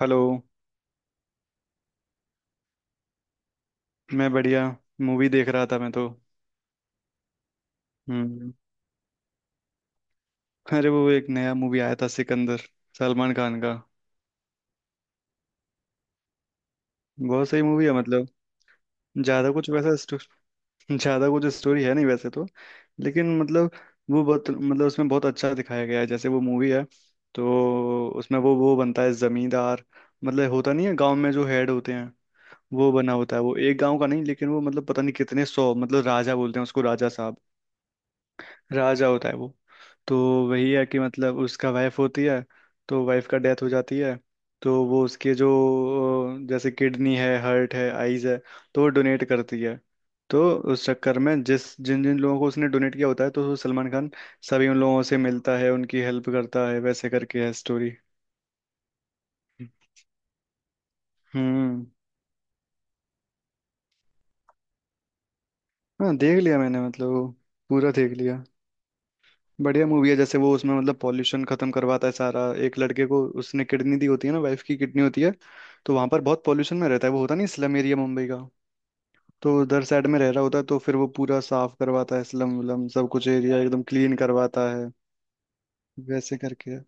Hello. मैं बढ़िया। Movie देख रहा था मैं तो। हम्म। अरे वो एक नया मूवी आया था, सिकंदर, सलमान खान का। बहुत सही मूवी है मतलब। ज्यादा कुछ वैसा स्टो- ज्यादा कुछ स्टोरी है नहीं वैसे तो। लेकिन मतलब वो बहुत मतलब उसमें बहुत अच्छा दिखाया गया है। जैसे वो मूवी है तो उसमें वो बनता है जमींदार। मतलब होता नहीं है गांव में जो हेड होते हैं, वो बना होता है। वो एक गांव का नहीं लेकिन वो मतलब पता नहीं कितने सौ, मतलब राजा बोलते हैं उसको, राजा साहब, राजा होता है वो। तो वही है कि मतलब उसका वाइफ होती है, तो वाइफ का डेथ हो जाती है। तो वो उसके जो जैसे किडनी है, हार्ट है, आईज है, तो वो डोनेट करती है। तो उस चक्कर में जिस जिन जिन लोगों को उसने डोनेट किया होता है, तो सलमान खान सभी उन लोगों से मिलता है, उनकी हेल्प करता है। वैसे करके है स्टोरी। हम्म। हाँ देख लिया मैंने मतलब वो पूरा देख लिया। बढ़िया मूवी है। जैसे वो उसमें मतलब पॉल्यूशन खत्म करवाता है सारा। एक लड़के को उसने किडनी दी होती है ना, वाइफ की किडनी होती है। तो वहां पर बहुत पॉल्यूशन में रहता है। वो होता नहीं स्लम एरिया मुंबई का, तो उधर साइड में रह रहा होता है। तो फिर वो पूरा साफ करवाता है स्लम वलम सब कुछ, एरिया एकदम क्लीन करवाता है वैसे करके।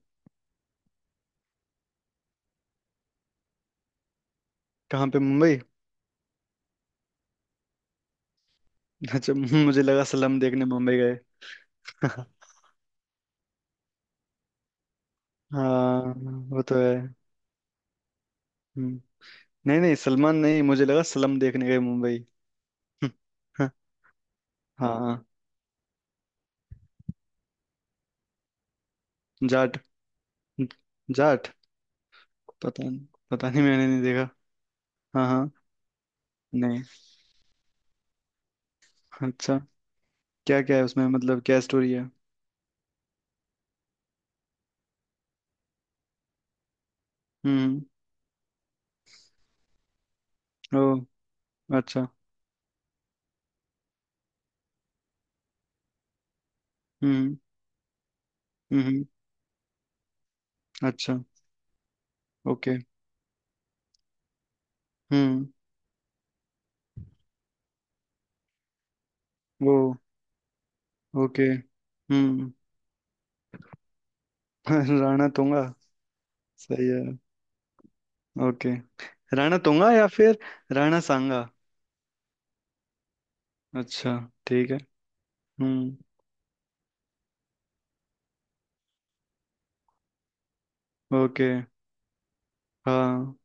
कहाँ पे मुंबई? अच्छा, मुझे लगा स्लम देखने मुंबई गए। हाँ वो तो है। हम्म। नहीं नहीं, सलमान नहीं, मुझे लगा स्लम देखने गए मुंबई। हाँ। जाट? जाट? पता नहीं। पता नहीं, मैंने नहीं देखा। हाँ हाँ। नहीं। अच्छा। क्या क्या है उसमें, मतलब क्या स्टोरी है? हम्म। ओ। अच्छा। हम्म हम्म। अच्छा। ओके। हम्म। वो। ओके। हम्म। राणा तुंगा? सही है। ओके। राणा तुंगा या फिर राणा सांगा? अच्छा, ठीक है। हम्म। ओके। हाँ।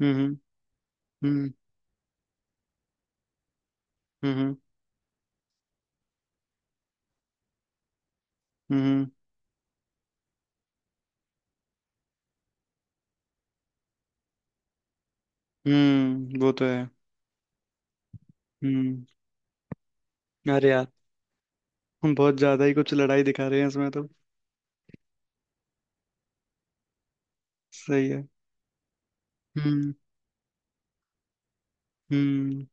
हम्म हम्म हम्म। हम्म। वो तो है। हम्म। अरे यार, हम बहुत ज्यादा ही कुछ लड़ाई दिखा रहे हैं इसमें तो। सही है। हम्म हम्म।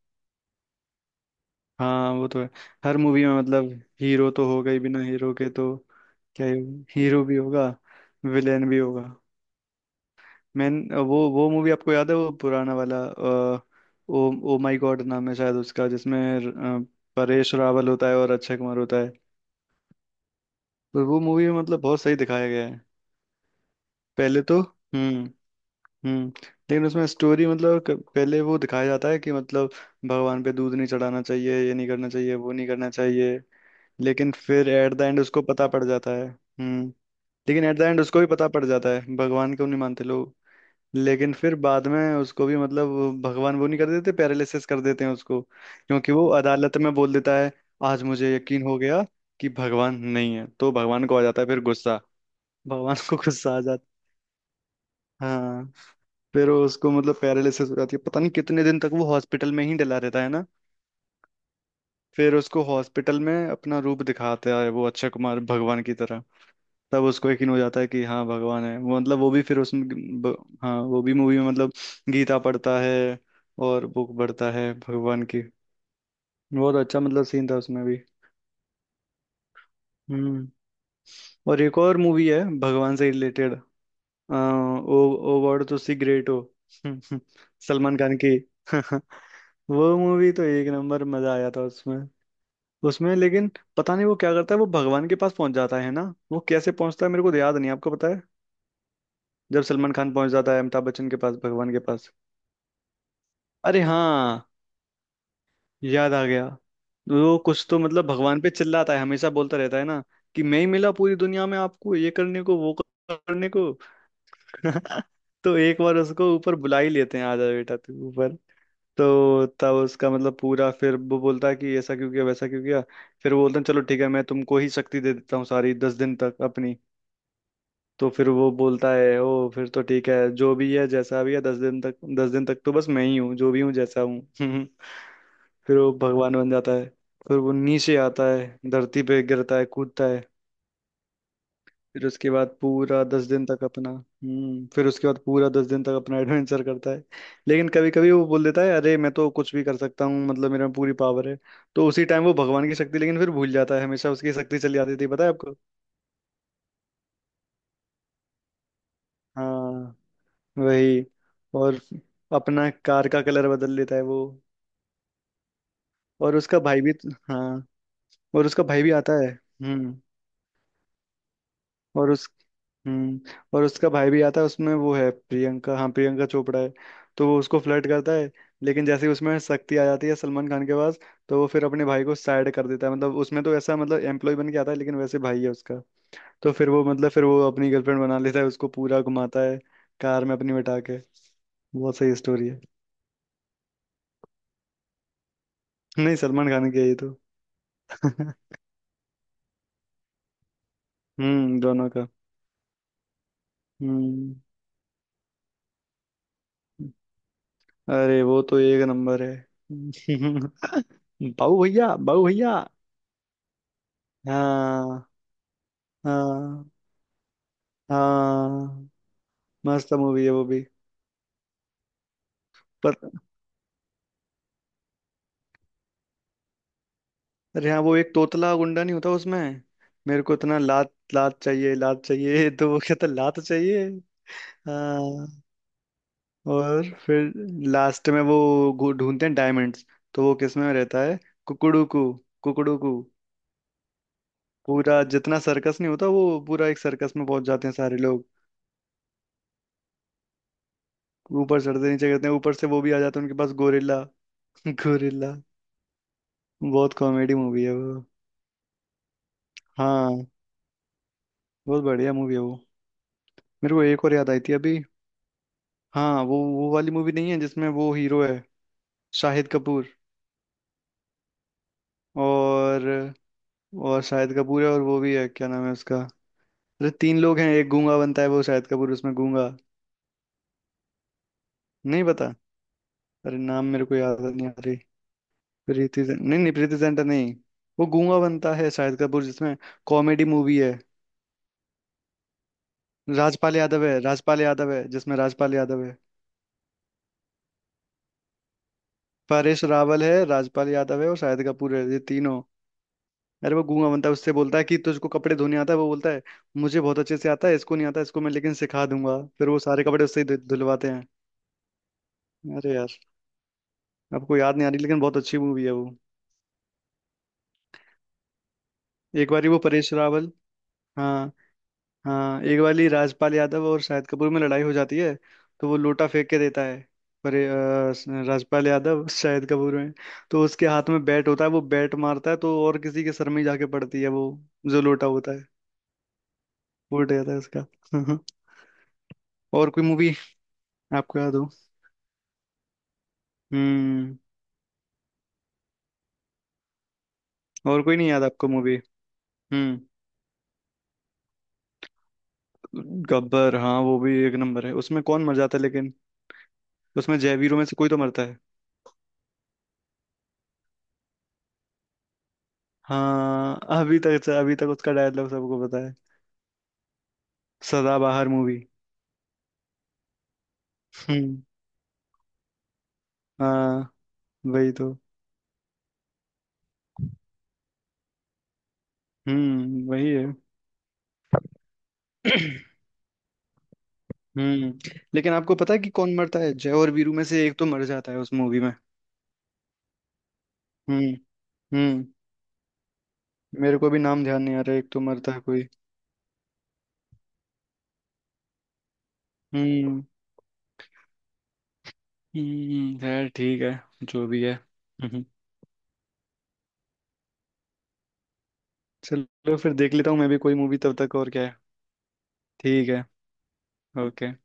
हाँ वो तो है। हर मूवी में मतलब हीरो तो होगा ही, बिना हीरो के तो क्या ही होगा। हीरो भी होगा, विलेन भी होगा। मैन। वो मूवी आपको याद है वो पुराना वाला ओ ओ माय गॉड नाम है शायद उसका, जिसमें अ, परेश रावल होता है और अक्षय कुमार होता है। तो वो मूवी में मतलब बहुत सही दिखाया गया है। पहले तो हम्म। हम्म। लेकिन उसमें स्टोरी मतलब पहले वो दिखाया जाता है कि मतलब भगवान पे दूध नहीं चढ़ाना चाहिए, ये नहीं करना चाहिए, वो नहीं करना चाहिए। लेकिन फिर एट द एंड उसको पता पड़ जाता है। हम्म। लेकिन एट द एंड उसको भी पता पड़ जाता है भगवान को नहीं मानते लोग। लेकिन फिर बाद में उसको भी मतलब भगवान वो नहीं कर देते, पैरालिसिस कर देते हैं उसको, क्योंकि वो अदालत में बोल देता है आज मुझे यकीन हो गया कि भगवान नहीं है। तो भगवान को आ जाता है फिर गुस्सा। भगवान को गुस्सा आ जाता है। हाँ। फिर वो उसको मतलब पैरालिसिस हो जाती है, पता नहीं कितने दिन तक वो हॉस्पिटल में ही डला रहता है ना। फिर उसको हॉस्पिटल में अपना रूप दिखाता है वो अक्षय कुमार, भगवान की तरह। तब उसको यकीन हो जाता है कि हाँ भगवान है। वो मतलब वो भी फिर उसमें हाँ वो भी मूवी में मतलब गीता पढ़ता है और बुक पढ़ता है भगवान की। बहुत अच्छा मतलब सीन था उसमें भी। हम्म। और एक और मूवी है भगवान से रिलेटेड। आ, ओ, ओ वर्ड तो सी ग्रेट हो। सलमान खान की। वो मूवी तो एक नंबर, मजा आया था उसमें। उसमें लेकिन पता नहीं वो क्या करता है, वो भगवान के पास पहुंच जाता है ना। वो कैसे पहुंचता है मेरे को तो याद नहीं, आपको पता? जब सलमान खान पहुंच जाता है अमिताभ बच्चन के पास, भगवान के पास। अरे हाँ, याद आ गया। वो कुछ तो मतलब भगवान पे चिल्लाता है, हमेशा बोलता रहता है ना कि मैं ही मिला पूरी दुनिया में आपको ये करने को, वो करने को। तो एक बार उसको ऊपर बुला ही लेते हैं, आ जा बेटा तू ऊपर। तो तब उसका मतलब पूरा, फिर वो बोलता है कि ऐसा क्यों किया, वैसा क्यों किया। फिर वो बोलते हैं चलो ठीक है, मैं तुमको ही शक्ति दे देता हूँ सारी, 10 दिन तक अपनी। तो फिर वो बोलता है ओ फिर तो ठीक है, जो भी है जैसा भी है 10 दिन तक, 10 दिन तक तो बस मैं ही हूँ, जो भी हूँ जैसा हूँ। फिर वो भगवान बन जाता है। फिर वो नीचे आता है, धरती पे गिरता है, कूदता है। फिर उसके बाद पूरा 10 दिन तक अपना हम्म, फिर उसके बाद पूरा दस दिन तक अपना एडवेंचर करता है। लेकिन कभी कभी वो बोल देता है अरे मैं तो कुछ भी कर सकता हूँ, मतलब मेरे में पूरी पावर है। तो उसी टाइम वो भगवान की शक्ति लेकिन फिर भूल जाता है, हमेशा उसकी शक्ति चली जाती थी, पता है आपको। हाँ, वही। और अपना कार का कलर बदल लेता है वो। और उसका भाई भी। हाँ और उसका भाई भी आता है। हम्म। और उस हम्म। और उसका भाई भी आता है उसमें। वो है प्रियंका, हाँ प्रियंका चोपड़ा है। तो वो उसको फ्लर्ट करता है, लेकिन जैसे ही उसमें शक्ति आ जाती है सलमान खान के पास, तो वो फिर अपने भाई को साइड कर देता है। मतलब उसमें तो ऐसा मतलब एम्प्लॉय बन के आता है, लेकिन वैसे भाई है उसका। तो फिर वो मतलब फिर वो अपनी गर्लफ्रेंड बना लेता है उसको, पूरा घुमाता है कार में अपनी बिठा के। बहुत सही स्टोरी है। नहीं सलमान खान की है ये तो। हम्म, दोनों का। हम्म। अरे वो तो एक नंबर है। बाबू भैया, बाबू भैया। हाँ। हाँ। हाँ मस्त मूवी है वो भी। पर अरे हाँ, वो एक तोतला गुंडा नहीं होता उसमें, मेरे को इतना लात लात चाहिए, लात चाहिए। तो वो कहता लात चाहिए। हाँ। और फिर लास्ट में वो ढूंढते हैं डायमंड्स। तो वो किस में रहता है, कुकड़ू कू, कुकड़ू। पूरा जितना सर्कस नहीं होता, वो पूरा एक सर्कस में पहुंच जाते हैं सारे लोग। ऊपर चढ़ते, नीचे गिरते हैं, ऊपर से वो भी आ जाते हैं उनके पास, गोरिल्ला, गोरिल्ला। बहुत कॉमेडी मूवी है वो। हाँ, बहुत बढ़िया मूवी है वो। मेरे को एक और याद आई थी अभी। हाँ, वो वाली मूवी नहीं है जिसमें वो हीरो है, शाहिद कपूर। और और शाहिद कपूर है, और वो भी है क्या नाम है उसका। अरे तीन लोग हैं, एक गूंगा बनता है वो शाहिद कपूर उसमें, गूंगा। नहीं पता। अरे नाम मेरे को याद नहीं आ रही। नहीं नहीं, प्रीति जिंटा नहीं। वो गूंगा बनता है शाहिद कपूर जिसमें। कॉमेडी मूवी है। राजपाल यादव है, राजपाल यादव है जिसमें, राजपाल यादव है। परेश रावल है, राजपाल यादव है और शाहिद कपूर है, ये तीनों। अरे वो गूंगा बनता है, उससे बोलता है कि तुझको कपड़े धोने आता है, वो बोलता है मुझे बहुत अच्छे से आता है, इसको नहीं आता इसको, मैं लेकिन सिखा दूंगा। फिर वो सारे कपड़े उससे ही धुलवाते हैं। अरे यार, आपको याद नहीं आ रही, लेकिन बहुत अच्छी मूवी है वो। एक बार वो परेश रावल। हाँ हाँ। एक वाली राजपाल यादव और शाहिद कपूर में लड़ाई हो जाती है। तो वो लोटा फेंक के देता है पर राजपाल यादव शाहिद कपूर में। तो उसके हाथ में बैट होता है, वो बैट मारता है तो और किसी के सर में ही जाके पड़ती है वो, जो लोटा होता है, उल्ट जाता है उसका। और कोई मूवी आपको याद हो? हम्म। और कोई नहीं याद आपको मूवी? हम्म। गब्बर, हाँ वो भी एक नंबर है। उसमें कौन मर जाता है लेकिन, उसमें जयवीरों में से कोई तो मरता है। हाँ, अभी तक, अभी तक उसका डायलॉग सबको पता है। सदाबहार मूवी। हम्म। हाँ, वही तो। हम्म, वही है। हम्म। लेकिन आपको पता है कि कौन मरता है, जय और वीरू में से एक तो मर जाता है उस मूवी में। हम्म हम्म। मेरे को भी नाम ध्यान नहीं आ रहा, एक तो मरता है कोई। हम्म। हम्म, खैर ठीक है, जो भी है। हम्म। चलो फिर देख लेता हूँ मैं भी कोई मूवी तब तक, और क्या है। ठीक है। ओके।